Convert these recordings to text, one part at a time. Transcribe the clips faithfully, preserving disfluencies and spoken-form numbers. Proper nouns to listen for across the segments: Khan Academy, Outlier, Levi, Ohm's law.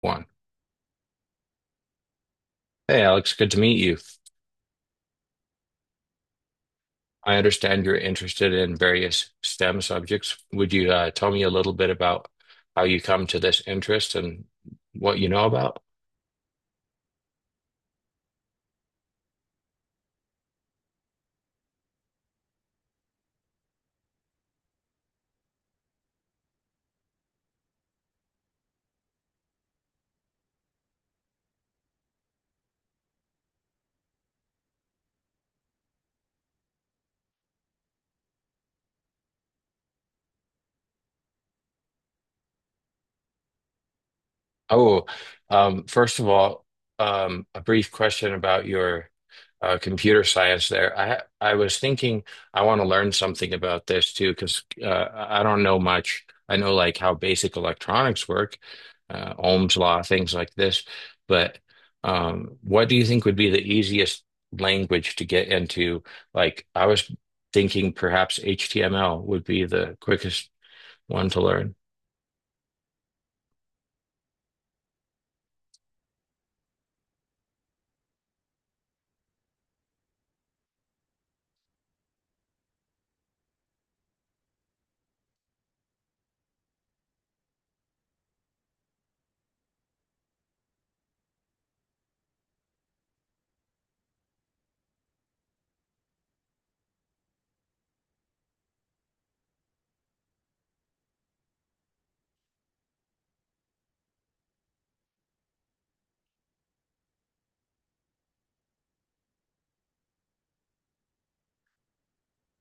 One. Hey, Alex, good to meet you. I understand you're interested in various S T E M subjects. Would you uh, tell me a little bit about how you come to this interest and what you know about? Oh, um, first of all, um, a brief question about your uh, computer science there. I I was thinking I want to learn something about this too because uh, I don't know much. I know like how basic electronics work, uh, Ohm's law, things like this. But um, what do you think would be the easiest language to get into? Like I was thinking perhaps H T M L would be the quickest one to learn.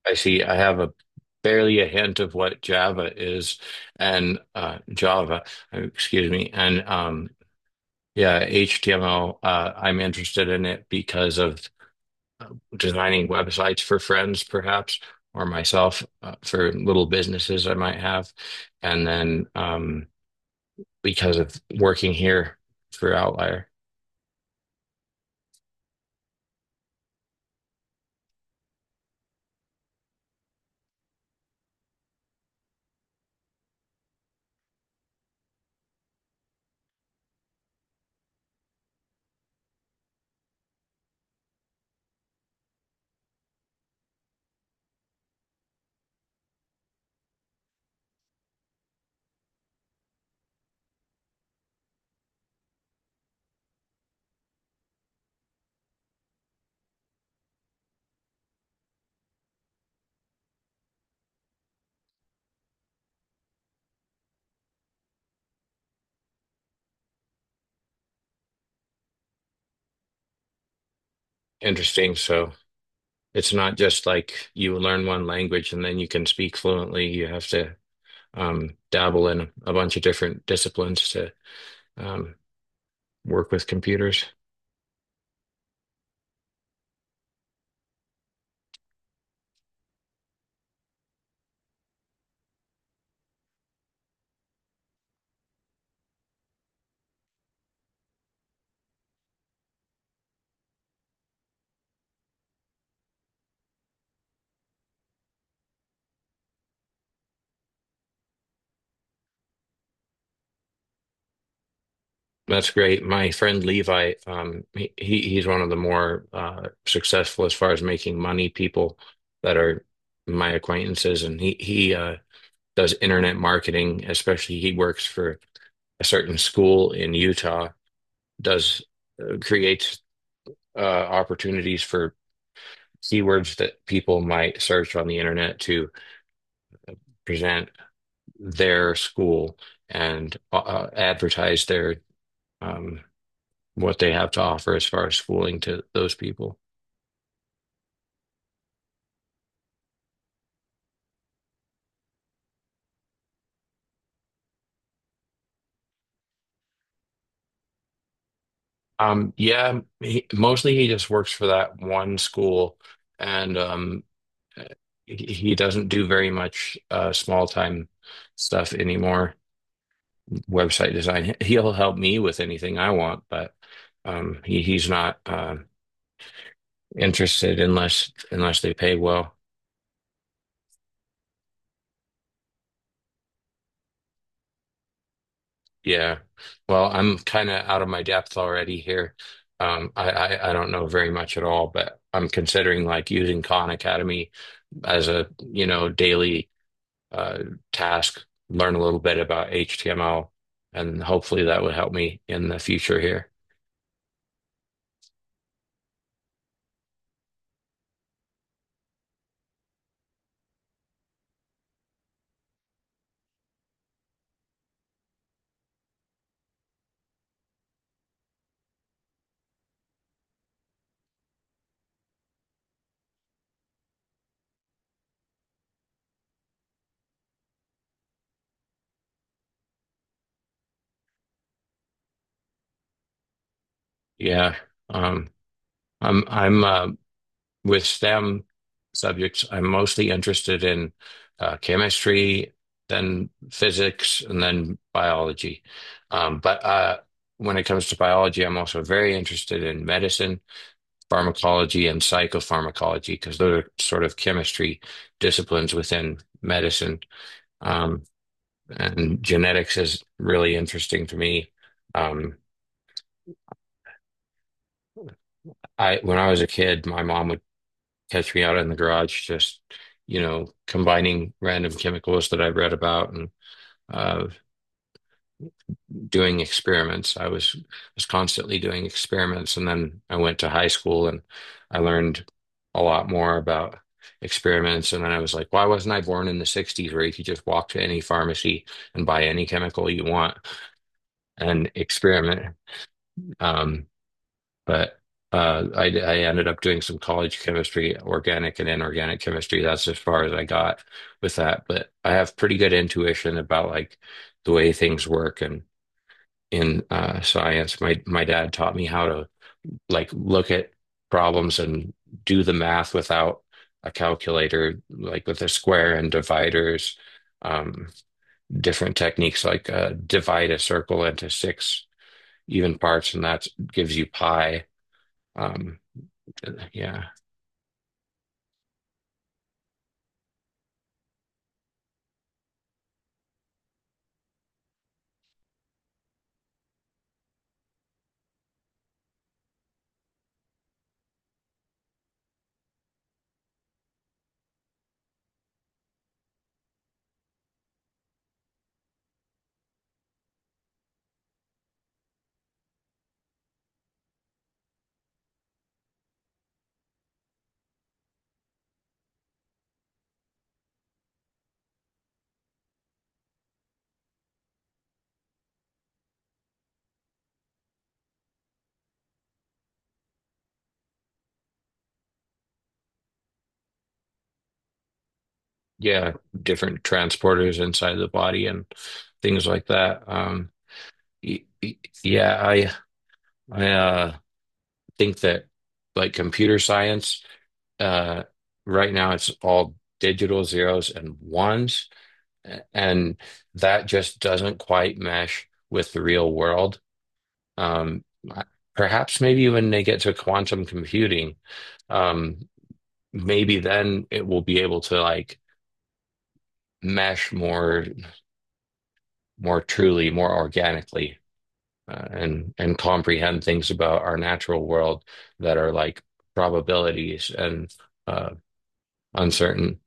I see I have a barely a hint of what Java is and uh, Java, uh, excuse me, and um, yeah, H T M L. Uh, I'm interested in it because of designing websites for friends, perhaps, or myself uh, for little businesses I might have, and then um, because of working here for Outlier. Interesting. So it's not just like you learn one language and then you can speak fluently. You have to um, dabble in a bunch of different disciplines to um, work with computers. That's great. My friend Levi, um, he he's one of the more uh, successful as far as making money people that are my acquaintances, and he he uh, does internet marketing. Especially, he works for a certain school in Utah. Does uh, creates uh, opportunities for keywords that people might search on the internet to present their school and uh, uh, advertise their um, what they have to offer as far as schooling to those people. Um, yeah, he, mostly he just works for that one school, and um, he, he doesn't do very much uh, small time stuff anymore. Website design, he'll help me with anything I want, but um, he, he's not uh, interested unless unless they pay well. Yeah. Well, I'm kind of out of my depth already here. Um, I, I, I don't know very much at all, but I'm considering like using Khan Academy as a, you know, daily uh, task, learn a little bit about H T M L, and hopefully that would help me in the future here. Yeah. Um, I'm I'm uh, with S T E M subjects, I'm mostly interested in uh, chemistry, then physics, and then biology. Um, but uh, when it comes to biology, I'm also very interested in medicine, pharmacology, and psychopharmacology because those are sort of chemistry disciplines within medicine. Um, and genetics is really interesting to me. Um, I, when I was a kid, my mom would Catch Me Out in the Garage, just, you know, combining random chemicals that I've read about and uh, doing experiments. I was was constantly doing experiments, and then I went to high school and I learned a lot more about experiments. And then I was like, why wasn't I born in the sixties where you could just walk to any pharmacy and buy any chemical you want and experiment? Um, But uh, I, I ended up doing some college chemistry, organic and inorganic chemistry. That's as far as I got with that. But I have pretty good intuition about like the way things work and in uh, science. My my dad taught me how to like look at problems and do the math without a calculator, like with a square and dividers, um, different techniques like uh, divide a circle into six even parts, and that gives you pi. Um, yeah. Yeah, different transporters inside the body and things like that. Um, y- y- yeah, I I uh, think that like computer science, uh, right now it's all digital zeros and ones, a- and that just doesn't quite mesh with the real world. Um, perhaps maybe when they get to quantum computing, um, maybe then it will be able to like mesh more more truly, more organically, uh, and and comprehend things about our natural world that are like probabilities and uh, uncertain.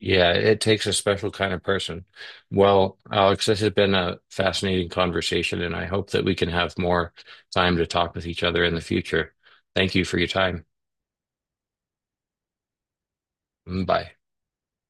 Yeah, it takes a special kind of person. Well, Alex, this has been a fascinating conversation, and I hope that we can have more time to talk with each other in the future. Thank you for your time. Bye.